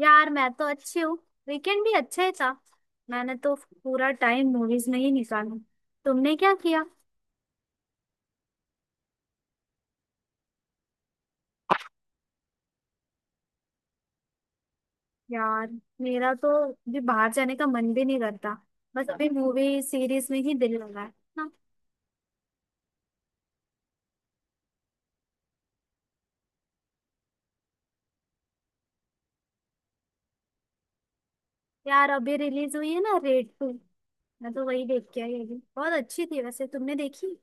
यार मैं तो अच्छी हूँ। वीकेंड भी अच्छा ही था। मैंने तो पूरा टाइम मूवीज में ही निकाला। तुमने क्या किया? यार मेरा तो भी बाहर जाने का मन भी नहीं करता। बस अभी मूवी सीरीज में ही दिल लगा है ना। यार अभी रिलीज हुई है ना रेड टू। मैं तो वही देख के आई, अभी बहुत अच्छी थी। वैसे तुमने देखी?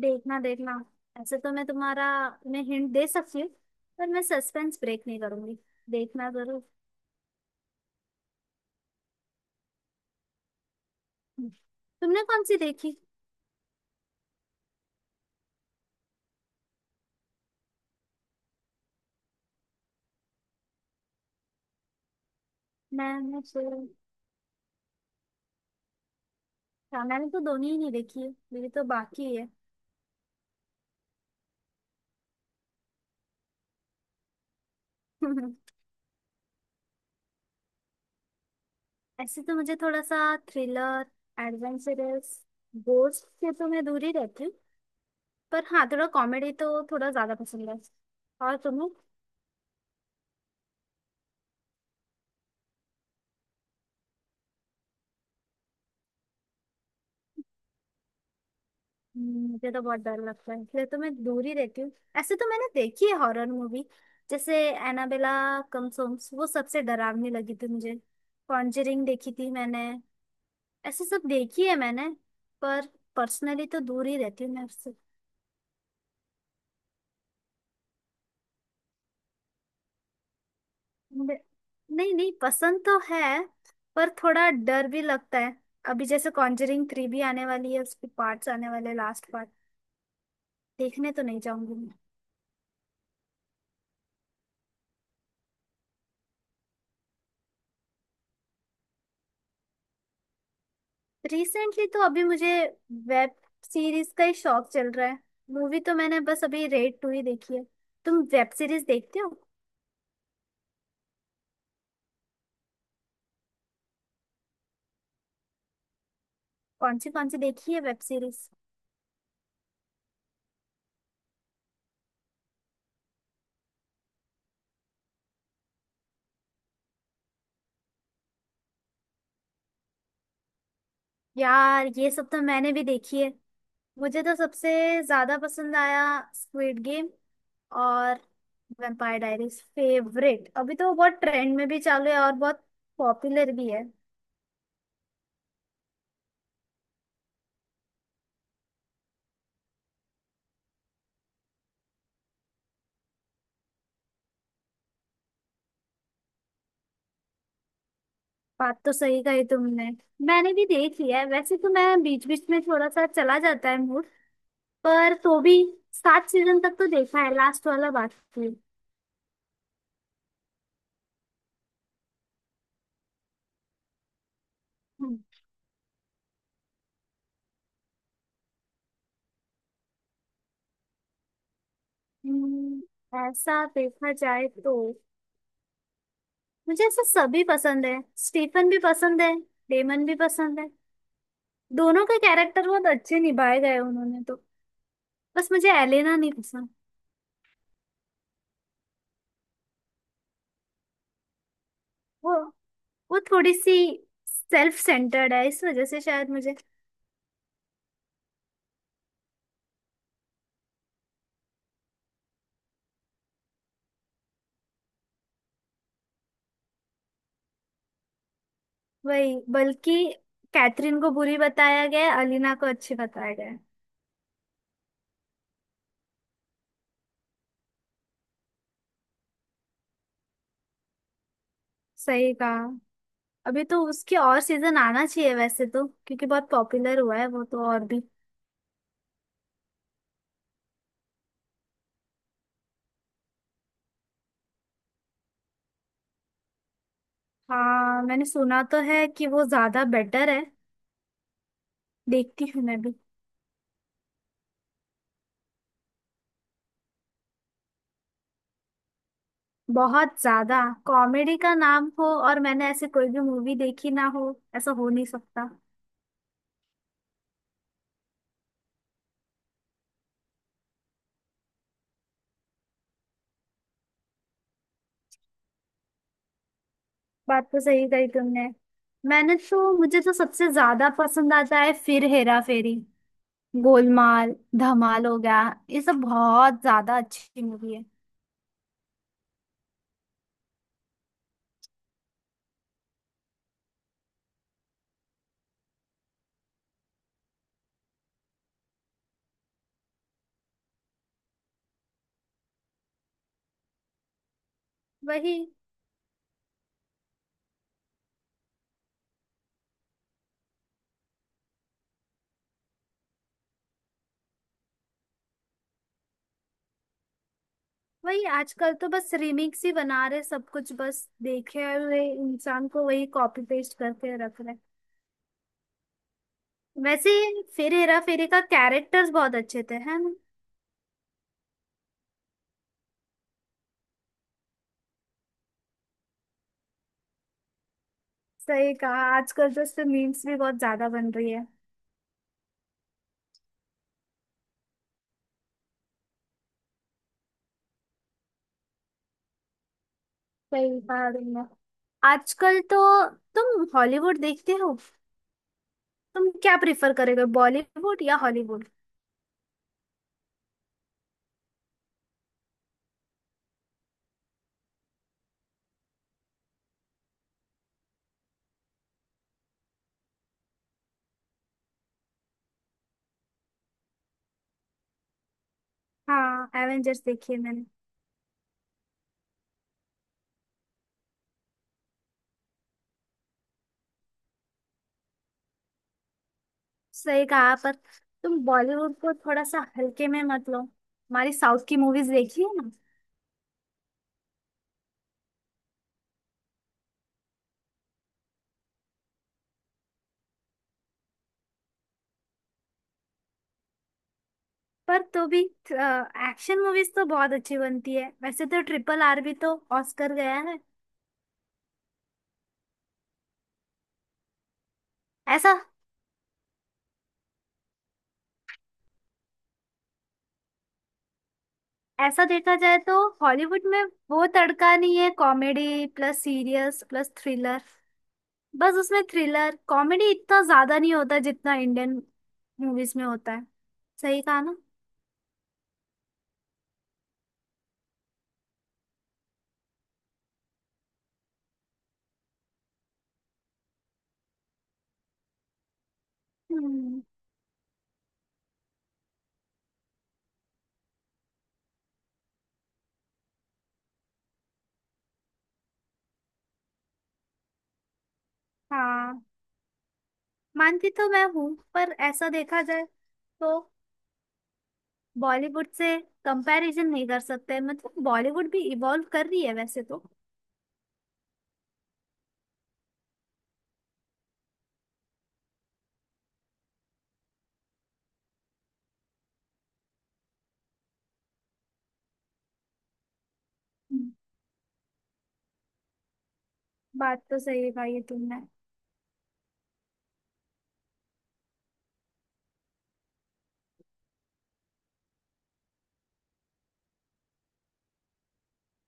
देखना देखना। ऐसे तो मैं हिंट दे सकती हूँ। पर मैं सस्पेंस ब्रेक नहीं करूंगी। देखना जरूर। तुमने कौन सी देखी? मैंने तो हाँ, मैंने तो दोनों ही नहीं देखी है, मेरी तो बाकी है। ऐसे तो मुझे थोड़ा सा थ्रिलर, एडवेंचरस। गोस्ट से तो मैं दूर ही रहती हूँ। पर हाँ, थोड़ा कॉमेडी तो थोड़ा ज्यादा पसंद है। और तुम्हें? मुझे तो बहुत डर लगता है, इसलिए तो मैं दूर ही रहती हूँ। ऐसे तो मैंने देखी है हॉरर मूवी, जैसे एनाबेला, कमसोम्स। वो सबसे डरावनी लगी थी मुझे। कॉन्जरिंग देखी थी मैंने। ऐसे सब देखी है मैंने। पर पर्सनली तो दूर ही रहती हूँ मैं उससे। बे- नहीं नहीं, पसंद तो है पर थोड़ा डर भी लगता है। अभी जैसे कॉन्जरिंग थ्री भी आने वाली है, उसके पार्ट्स आने वाले हैं, लास्ट पार्ट। देखने तो नहीं जाऊंगी मैं। रिसेंटली तो अभी मुझे वेब सीरीज का ही शौक चल रहा है। मूवी तो मैंने बस अभी रेड टू ही देखी है। तुम वेब सीरीज देखते हो? कौन सी देखी है वेब सीरीज? यार ये सब तो मैंने भी देखी है। मुझे तो सबसे ज्यादा पसंद आया स्क्विड गेम और वैम्पायर डायरीज फेवरेट। अभी तो बहुत ट्रेंड में भी चालू है और बहुत पॉपुलर भी है। बात तो सही कही तुमने। मैंने भी देख लिया है, वैसे तो मैं बीच बीच में थोड़ा सा चला जाता है मूड। पर तो भी 7 सीजन तक तो देखा है, लास्ट वाला बाकी। हम्म, हम्म, ऐसा देखा जाए तो मुझे ऐसा सभी पसंद है। स्टीफन भी पसंद है, डेमन भी पसंद है। दोनों के कैरेक्टर बहुत अच्छे निभाए गए उन्होंने तो। बस मुझे एलेना नहीं पसंद। वो वो थोड़ी सी सेल्फ सेंटर्ड है, इस वजह से शायद मुझे। वही बल्कि कैथरीन को बुरी बताया गया है, अलीना को अच्छी बताया गया है। सही कहा। अभी तो उसके और सीजन आना चाहिए वैसे तो, क्योंकि बहुत पॉपुलर हुआ है वो तो और भी। हाँ, मैंने सुना तो है कि वो ज्यादा बेटर है। देखती हूँ मैं भी। बहुत ज्यादा। कॉमेडी का नाम हो और मैंने ऐसे कोई भी मूवी देखी ना हो, ऐसा हो नहीं सकता। बात तो सही कही तुमने। मैंने तो मुझे तो सबसे ज्यादा पसंद आता है फिर हेरा फेरी, गोलमाल, धमाल हो गया। ये सब बहुत ज्यादा अच्छी मूवी है। वही वही आजकल तो बस रिमिक्स ही बना रहे, सब कुछ बस देखे हुए इंसान को वही कॉपी पेस्ट करके रख रहे। वैसे ही फिर हेरा फेरी का कैरेक्टर्स बहुत अच्छे थे, है ना? सही कहा, आजकल तो उससे मीम्स भी बहुत ज्यादा बन रही है। सही कहा तुमने। आजकल तो तुम हॉलीवुड देखते हो? तुम क्या प्रेफर करेगा, बॉलीवुड या हॉलीवुड? हाँ एवेंजर्स देखी है मैंने। सही कहा पर तुम बॉलीवुड को थोड़ा सा हल्के में मत लो। हमारी साउथ की मूवीज देखी है ना? पर तो भी एक्शन मूवीज तो बहुत अच्छी बनती है वैसे तो। RRR भी तो ऑस्कर गया है। ऐसा ऐसा देखा जाए तो हॉलीवुड में वो तड़का नहीं है, comedy plus serious plus thriller. बस उसमें थ्रिलर कॉमेडी इतना ज्यादा नहीं होता जितना इंडियन मूवीज में होता है। सही कहा ना? हम्म। हाँ, मानती तो मैं हूँ। पर ऐसा देखा जाए तो बॉलीवुड से कंपैरिजन नहीं कर सकते, मतलब बॉलीवुड भी इवॉल्व कर रही है वैसे तो। हम्म, बात तो सही कहा ये तुमने।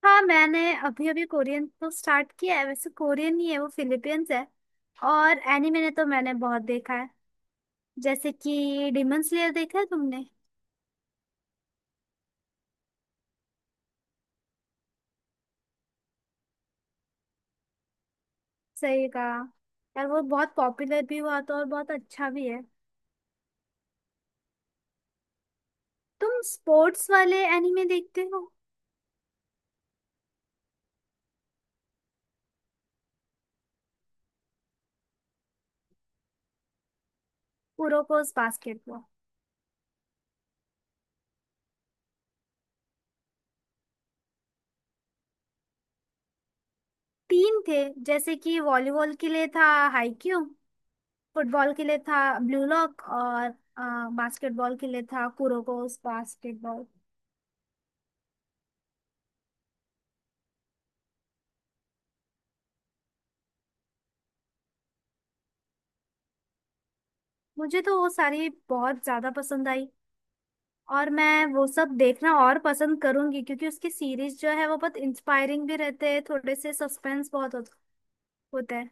हाँ, मैंने अभी अभी कोरियन तो स्टार्ट किया है, वैसे कोरियन ही है वो, फिलीपींस है। और एनिमे ने तो मैंने बहुत देखा है, जैसे कि डिमन स्लेयर। देखा है तुमने? सही कहा। यार वो बहुत पॉपुलर भी हुआ था और बहुत अच्छा भी है। तुम स्पोर्ट्स वाले एनिमे देखते हो? उरोकोस बास्केटबॉल। तीन थे, जैसे कि वॉलीबॉल के लिए था हाईक्यू, फुटबॉल के लिए था ब्लू लॉक, और बास्केटबॉल के लिए था कुरोकोस बास्केटबॉल। मुझे तो वो सारी बहुत ज्यादा पसंद आई और मैं वो सब देखना और पसंद करूंगी, क्योंकि उसकी सीरीज जो है वो बहुत इंस्पायरिंग भी रहते हैं, थोड़े से सस्पेंस बहुत होता है।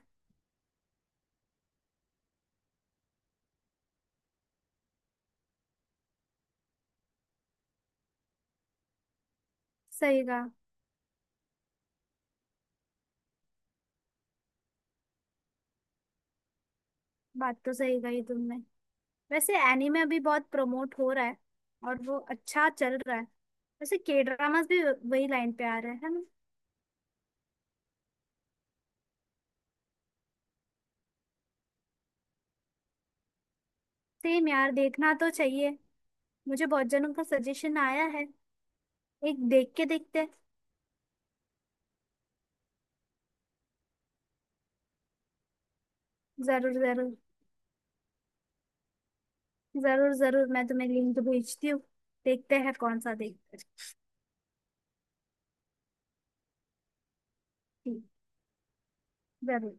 सही कहा। बात तो सही कही तुमने। वैसे एनीमे अभी बहुत प्रमोट हो रहा है और वो अच्छा चल रहा है। वैसे के ड्रामास भी वही लाइन पे आ रहे हैं, है ना? सेम यार, देखना तो चाहिए। मुझे बहुत जनों का सजेशन आया है, एक देख के देखते हैं। जरूर जरूर। जरूर जरूर मैं तुम्हें लिंक भेजती हूँ। देखते हैं कौन सा देखते हैं। ठीक। जरूर।